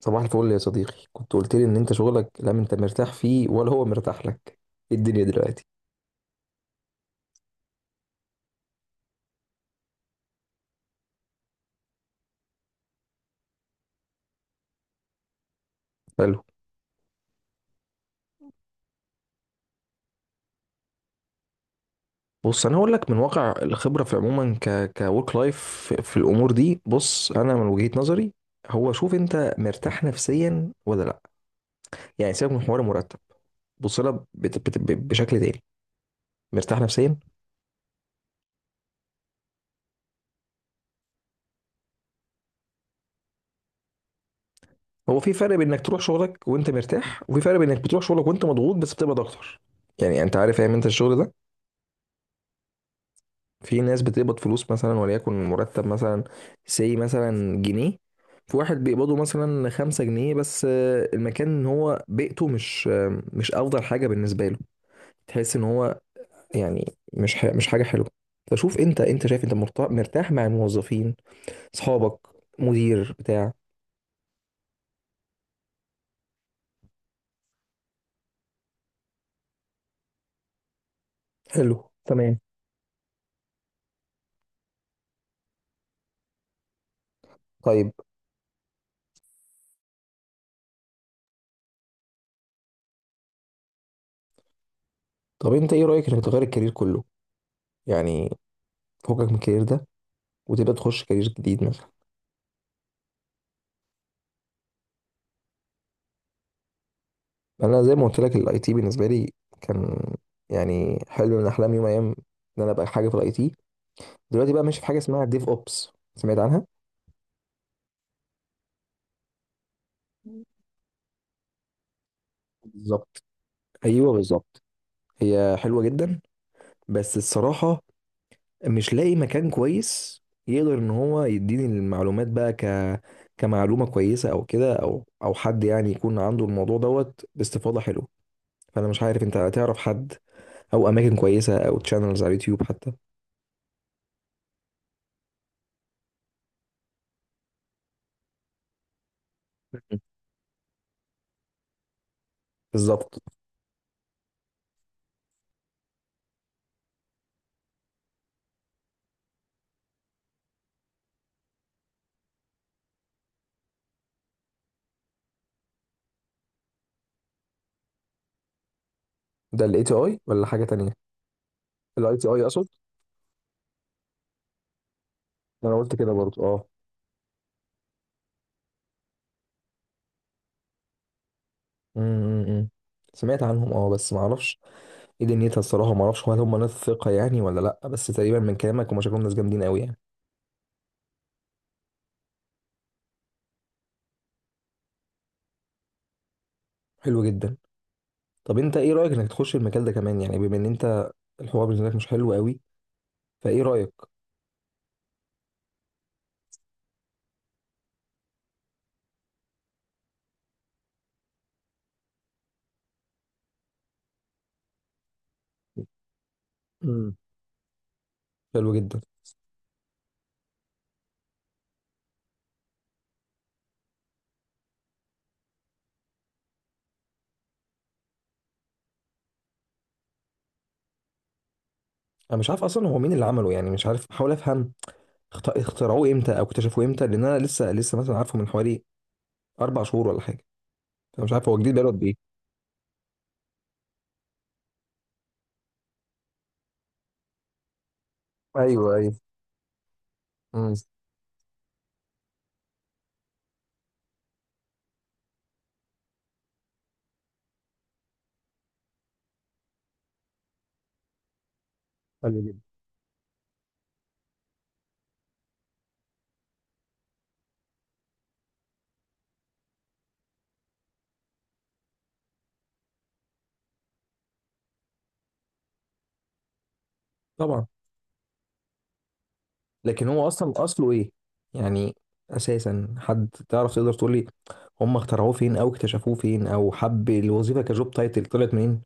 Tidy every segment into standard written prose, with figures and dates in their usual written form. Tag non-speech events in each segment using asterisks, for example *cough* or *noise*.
صباح الفل يا صديقي، كنت قلت لي ان انت شغلك لا انت مرتاح فيه ولا هو مرتاح لك. إيه الدنيا دلوقتي؟ حلو. بص انا هقول لك من واقع الخبره في عموما كورك لايف في الامور دي. بص انا من وجهه نظري، هو شوف انت مرتاح نفسيا ولا لا. يعني سيبك من حوار المرتب. بص لها بشكل تاني. مرتاح نفسيا؟ هو في فرق بين انك تروح شغلك وانت مرتاح وفي فرق بين انك بتروح شغلك وانت مضغوط بس بتبقى اكتر. يعني انت عارف فاهم انت الشغل ده. في ناس بتقبض فلوس مثلا وليكن مرتب مثلا سي مثلا جنيه، في واحد بيقبضه مثلا خمسة جنيه بس، المكان ان هو بيئته مش مش افضل حاجة بالنسبة له. تحس ان هو يعني مش حاجة حلوة. فشوف انت، شايف انت مرتاح مع الموظفين، اصحابك، مدير بتاع. حلو تمام. طيب، انت ايه رأيك انك تغير الكارير كله؟ يعني فوقك من الكارير ده وتبقى تخش كارير جديد. انا زي ما قلت لك الاي تي بالنسبه لي كان يعني حلم من احلام، يوم من الايام ان انا ابقى حاجه في الاي تي. دلوقتي بقى ماشي في حاجه اسمها ديف اوبس. سمعت عنها؟ بالظبط. ايوه بالظبط. هي حلوه جدا بس الصراحه مش لاقي مكان كويس يقدر ان هو يديني المعلومات بقى كمعلومه كويسه، او كده، او حد يعني يكون عنده الموضوع دوت باستفاضه حلوه. فانا مش عارف انت هتعرف حد، او اماكن كويسه، او تشانلز على اليوتيوب حتى. بالظبط. ده الاي تي اي ولا حاجه تانية؟ الاي تي اي اقصد. انا قلت كده برضو، اه. امم. سمعت عنهم اه بس ما اعرفش ايه دنيتها الصراحه. ما اعرفش هل هم ناس ثقه يعني ولا لا، بس تقريبا من كلامك هم شكلهم ناس جامدين قوي يعني. حلو جدا. طب انت ايه رايك انك تخش المجال ده كمان، يعني بما ان انت الحوار بالنسبه لك مش حلو قوي؟ فايه رايك؟ امم. حلو جدا. انا مش عارف اصلا هو مين اللي عمله، يعني مش عارف بحاول افهم. اخترعوه امتى او اكتشفوه امتى؟ لان انا لسه مثلا عارفه من حوالي 4 شهور ولا حاجه. فمش عارف هو جديد بقاله قد ايه. ايوه ايوه. امم. طبعا. لكن هو اصلا اصله ايه يعني؟ اساسا حد تعرف تقدر تقول لي هم اخترعوه فين او اكتشفوه فين او حب الوظيفه كجوب تايتل طلعت منين؟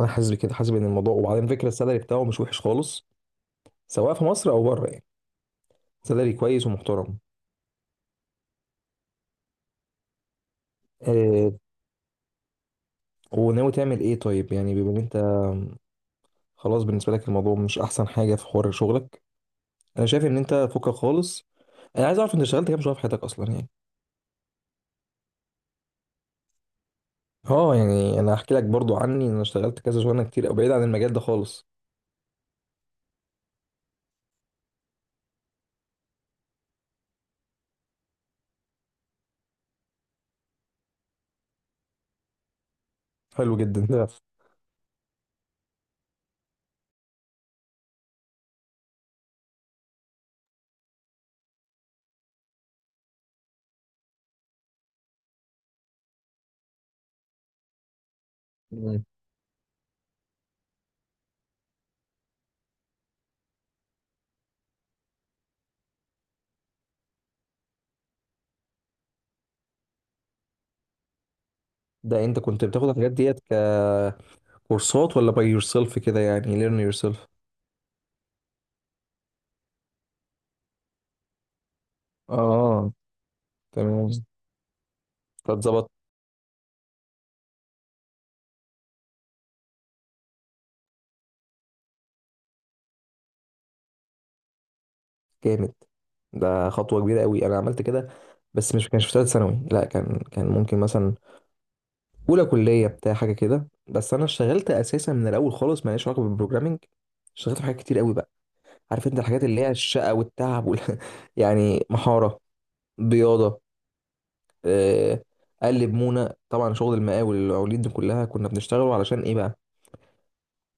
انا حاسس بكده، حاسس ان الموضوع، وبعدين فكره السالري بتاعه مش وحش خالص، سواء في مصر او بره يعني. سالري كويس ومحترم. آه. وناوي تعمل ايه طيب، يعني بما ان انت خلاص بالنسبه لك الموضوع مش احسن حاجه في حوار شغلك. انا شايف ان انت فكك خالص. انا عايز اعرف انت اشتغلت كام شهر في حياتك اصلا يعني. اه، يعني انا هحكي لك برضو عني، انا اشتغلت كذا شغلانه كتير، او بعيد عن المجال ده خالص. حلو جدا *laughs* ده. مم. ده انت كنت بتاخد الحاجات ديت ككورسات ولا باي يور سيلف كده يعني ليرن يور سيلف؟ اه. تمام. فاتظبط. جامد. ده خطوه كبيره قوي، انا عملت كده بس مش كانش في ثالث ثانوي، لا، كان ممكن مثلا اولى كليه بتاع حاجه كده. بس انا اشتغلت اساسا من الاول خالص، ماليش علاقه بالبروجرامنج. اشتغلت في حاجات كتير قوي بقى. عارف انت الحاجات اللي هي الشقه والتعب وال... *laughs* يعني محاره، بياضه، آه، قلب مونا، طبعا شغل المقاول والمقاولين دي كلها. كنا بنشتغله علشان ايه بقى؟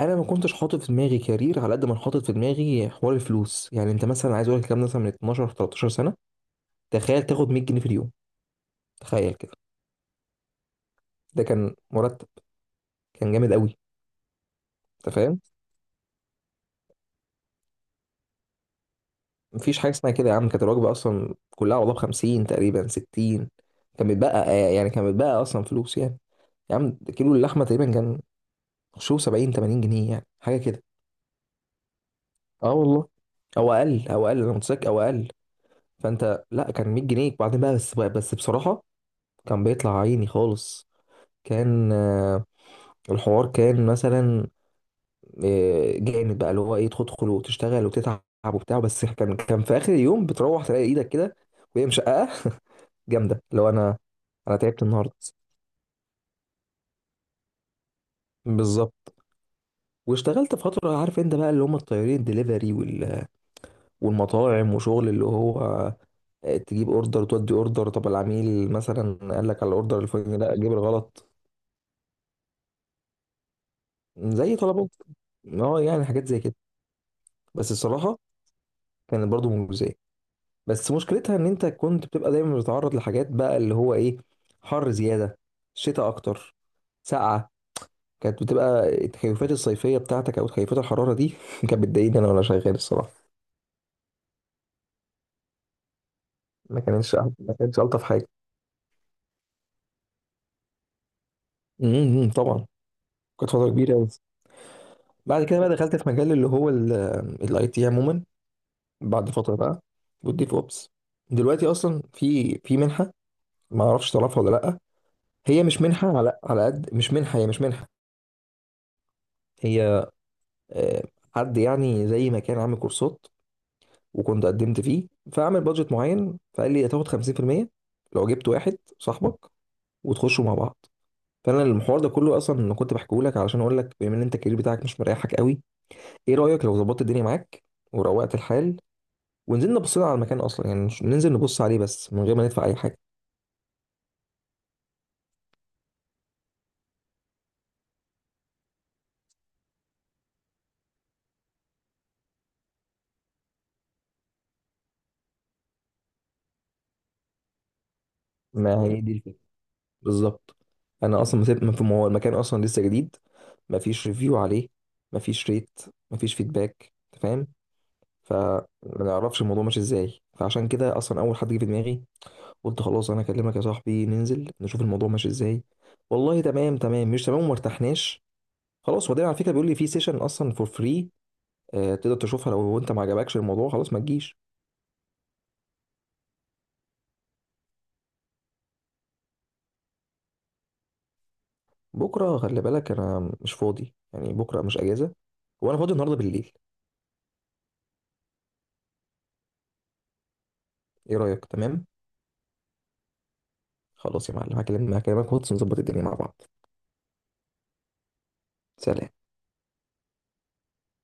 انا ما كنتش حاطط في دماغي كارير على قد ما حاطط في دماغي حوار الفلوس. يعني انت مثلا، عايز اقول لك الكلام ده مثلا من 12 13 سنه، تخيل تاخد 100 جنيه في اليوم. تخيل كده. ده كان مرتب. كان جامد قوي. انت فاهم. مفيش حاجه اسمها كده يا عم، كانت الوجبه اصلا كلها والله ب 50 تقريبا 60. كان بيتبقى يعني كان بيتبقى اصلا فلوس يعني. يا عم، كيلو اللحمه تقريبا كان شو 70 80 جنيه يعني حاجه كده. اه والله. او اقل، او اقل انا متذكر، او اقل. فانت لا، كان 100 جنيه بعدين بقى. بس بصراحه كان بيطلع عيني خالص. كان الحوار كان مثلا جامد بقى، اللي هو ايه، تدخل وتشتغل وتتعب وبتاع. بس كان في اخر اليوم بتروح تلاقي ايدك كده وهي مشققه *laughs* جامده، لو انا تعبت النهارده. بالظبط. واشتغلت فتره، عارف انت بقى اللي هم الطيارين، دليفري وال... والمطاعم وشغل اللي هو تجيب اوردر تودي اوردر. طب العميل مثلا قال لك على الاوردر الفلاني، لا جيب الغلط. زي طلبات. اه يعني حاجات زي كده. بس الصراحه كانت برضو مجزيه. بس مشكلتها ان انت كنت بتبقى دايما بتتعرض لحاجات بقى اللي هو ايه، حر زياده، شتاء اكتر، سقعه. كانت بتبقى التكيفات الصيفيه بتاعتك او تكيفات الحراره دي *laughs* كانت بتضايقني انا وانا شغال الصراحه. ما كانتش الطف حاجه. امم. طبعا. كانت فتره كبيره قوي. بعد كده بقى دخلت في مجال اللي هو الاي تي عموما. بعد فتره بقى والديف اوبس. دلوقتي اصلا في منحه، ما اعرفش تعرفها ولا لا. هي مش منحه، على قد، مش منحه، هي مش منحه. هي آه، حد يعني زي ما كان عامل كورسات وكنت قدمت فيه، فعمل بادجت معين فقال لي هتاخد 50% لو جبت واحد صاحبك وتخشوا مع بعض. فانا المحور ده كله اصلا انا كنت بحكيه لك علشان اقول لك، بما ان انت الكارير بتاعك مش مريحك قوي، ايه رايك لو ظبطت الدنيا معاك وروقت الحال ونزلنا بصينا على المكان اصلا؟ يعني ننزل نبص عليه بس من غير ما ندفع اي حاجه. ما هي دي الفكرة بالظبط. انا اصلا ما سبت ما هو المكان اصلا لسه جديد، ما فيش ريفيو عليه، ما فيش ريت، ما فيش فيدباك انت فاهم. فما نعرفش الموضوع ماشي ازاي، فعشان كده اصلا اول حد جه في دماغي قلت خلاص انا اكلمك يا صاحبي، ننزل نشوف الموضوع ماشي ازاي. والله تمام، تمام مش تمام وما ارتحناش، خلاص. وبعدين على فكره بيقول لي في سيشن اصلا فور فري تقدر تشوفها، لو انت ما عجبكش الموضوع خلاص ما تجيش. بكره خلي بالك انا مش فاضي يعني، بكره مش اجازه. وانا فاضي النهارده بالليل. ايه رايك؟ تمام. خلاص يا معلم، هكلمك واتس نظبط الدنيا مع بعض. سلام.